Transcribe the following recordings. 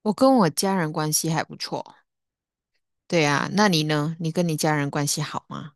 我跟我家人关系还不错，对啊。那你呢？你跟你家人关系好吗？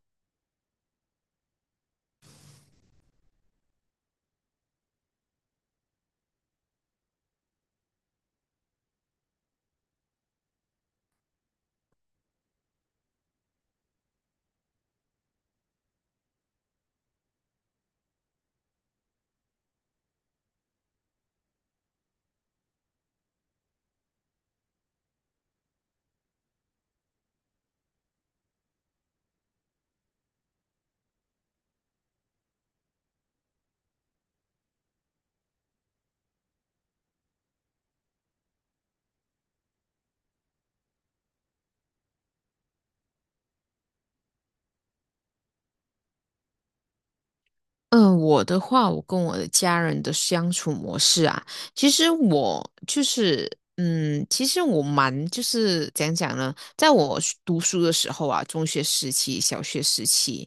嗯，我的话，我跟我的家人的相处模式啊，其实我就是，其实我蛮就是讲呢，在我是读书的时候啊，中学时期、小学时期，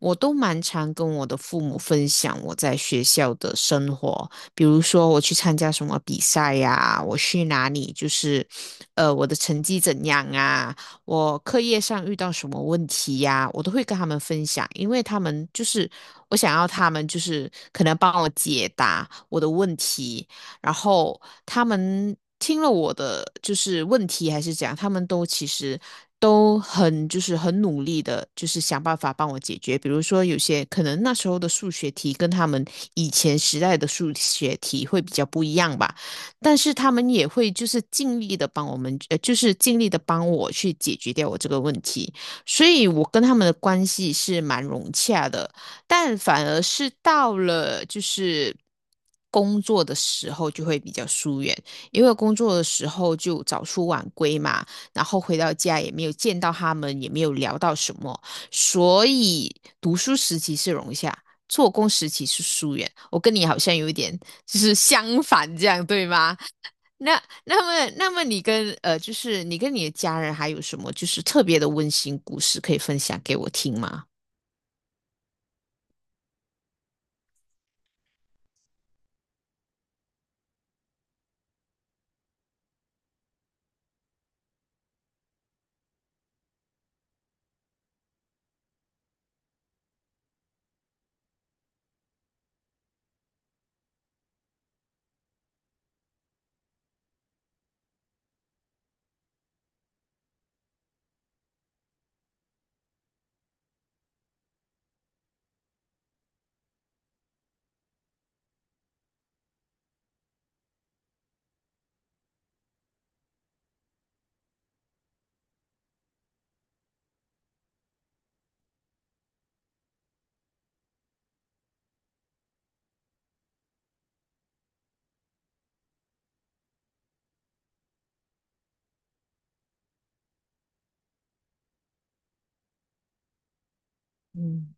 我都蛮常跟我的父母分享我在学校的生活，比如说我去参加什么比赛呀、我去哪里，我的成绩怎样啊。我课业上遇到什么问题呀、我都会跟他们分享，因为他们就是我想要他们可能帮我解答我的问题，然后他们听了我的就是问题还是怎样，他们其实都很努力的，就是想办法帮我解决。比如说有些可能那时候的数学题跟他们以前时代的数学题会比较不一样吧。但是他们也会就是尽力的帮我们，就是尽力的帮我去解决掉我这个问题，所以我跟他们的关系是蛮融洽的。但反而是到了就是工作的时候就会比较疏远，因为工作的时候就早出晚归嘛，然后回到家也没有见到他们，也没有聊到什么。所以读书时期是融洽，做工时期是疏远。我跟你好像有一点就是相反这样对吗？那么你跟就是你跟你的家人还有什么就是特别的温馨故事可以分享给我听吗？嗯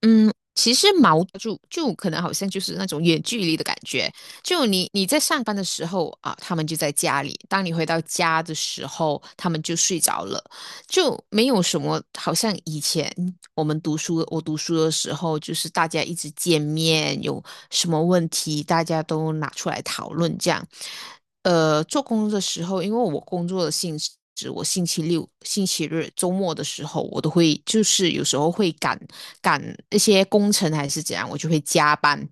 嗯，其实矛就就可能好像就是那种远距离的感觉，就你在上班的时候啊，他们就在家里；当你回到家的时候，他们就睡着了。就没有什么，好像以前我们读书，我读书的时候，就是大家一直见面，有什么问题大家都拿出来讨论这样。呃，做工的时候，因为我工作的性质，我星期六、星期日、周末的时候，我都会就是有时候会赶一些工程还是怎样，我就会加班。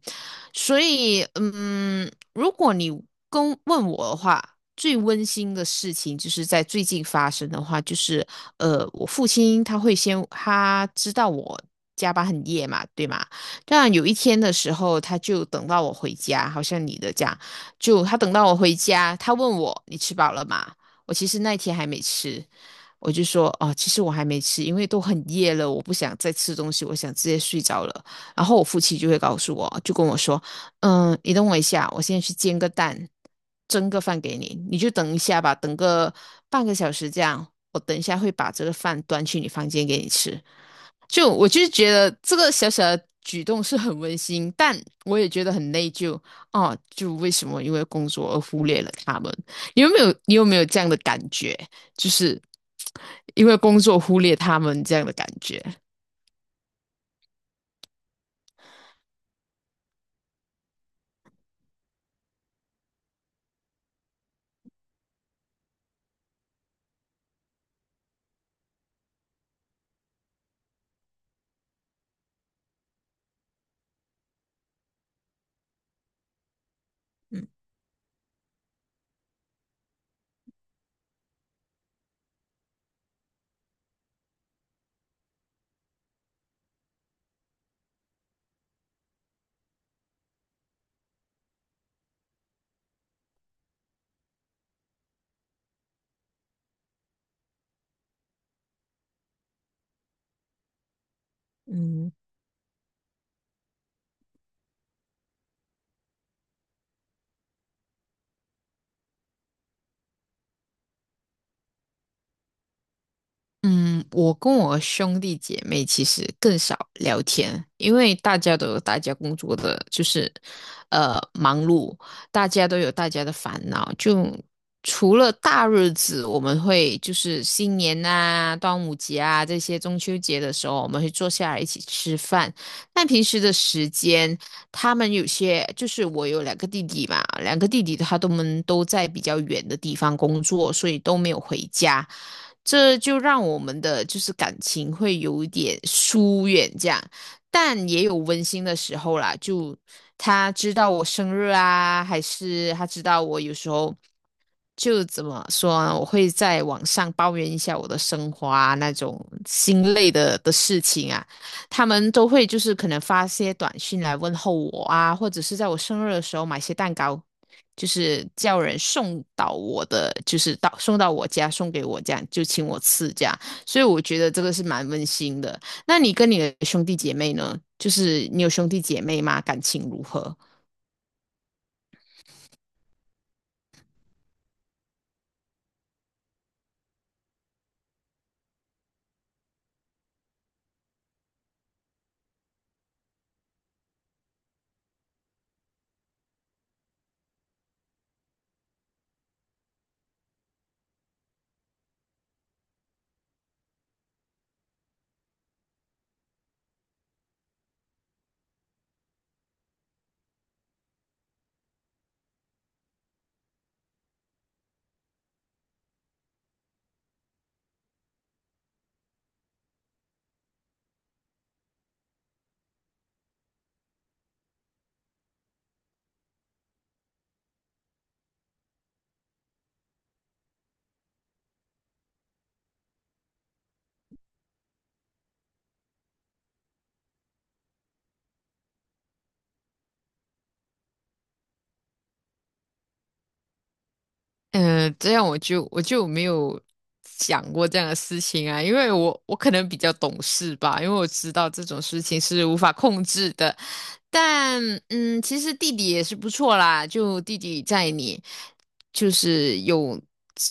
所以，嗯，如果你问我的话，最温馨的事情就是在最近发生的话，就是我父亲他会先他知道我加班很夜嘛，对吗？但有一天的时候，他就等到我回家，好像你的这样，就他等到我回家，他问我你吃饱了吗？我其实那天还没吃，我就说哦，其实我还没吃，因为都很夜了，我不想再吃东西，我想直接睡着了。然后我父亲就会告诉我，就跟我说。嗯，你等我一下，我现在去煎个蛋，蒸个饭给你，你就等一下吧，等个半个小时这样，我等一下会把这个饭端去你房间给你吃。就我就是觉得这个小小的举动是很温馨，但我也觉得很内疚哦，就为什么因为工作而忽略了他们？你有没有这样的感觉？就是因为工作忽略他们这样的感觉？嗯，我跟我兄弟姐妹其实更少聊天，因为大家都有大家工作的，就是忙碌，大家都有大家的烦恼。就除了大日子，我们会就是新年啊、端午节啊、这些中秋节的时候，我们会坐下来一起吃饭。但平时的时间，他们有些就是我有两个弟弟嘛，两个弟弟他们都在比较远的地方工作，所以都没有回家，这就让我们的就是感情会有一点疏远这样。但也有温馨的时候啦，就他知道我生日啊，还是他知道我有时候就怎么说呢，我会在网上抱怨一下我的生活啊，那种心累的事情啊。他们都会就是可能发些短信来问候我啊，或者是在我生日的时候买些蛋糕，就是叫人送到我的，就是送到我家送给我这样，就请我吃这样。所以我觉得这个是蛮温馨的。那你跟你的兄弟姐妹呢？就是你有兄弟姐妹吗？感情如何？嗯，这样我就没有想过这样的事情啊，因为我可能比较懂事吧，因为我知道这种事情是无法控制的。但嗯，其实弟弟也是不错啦，就弟弟在你。就是有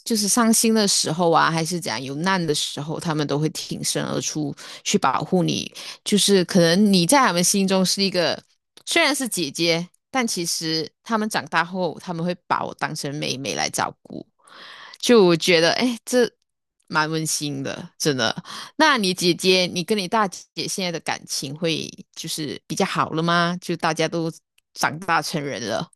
就是伤心的时候啊，还是怎样有难的时候，他们都会挺身而出去保护你。就是可能你在他们心中是一个虽然是姐姐，但其实他们长大后，他们会把我当成妹妹来照顾。就我觉得，哎，这蛮温馨的，真的。那你姐姐，你跟你大姐现在的感情会就是比较好了吗？就大家都长大成人了。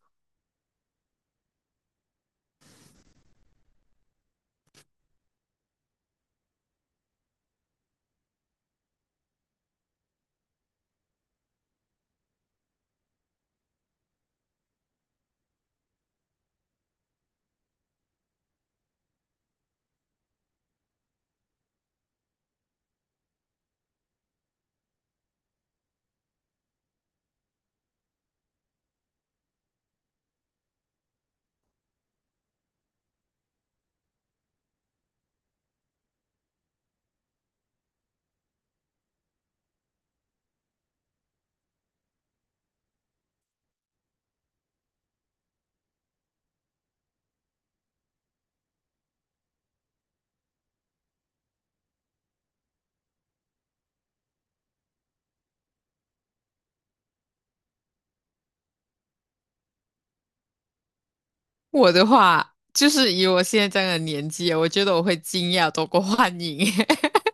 我的话，就是以我现在这样的年纪，我觉得我会惊讶多过欢迎，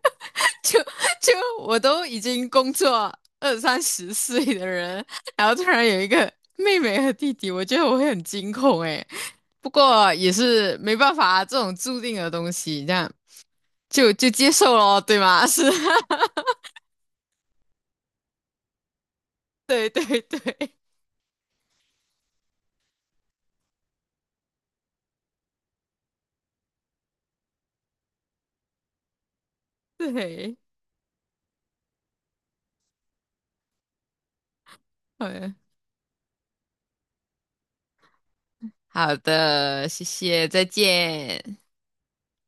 就就我都已经工作二三十岁的人，然后突然有一个妹妹和弟弟，我觉得我会很惊恐诶。不过也是没办法啊，这种注定的东西，这样就接受了，对吗？是，对对对对，嗯，好的，谢谢，再见。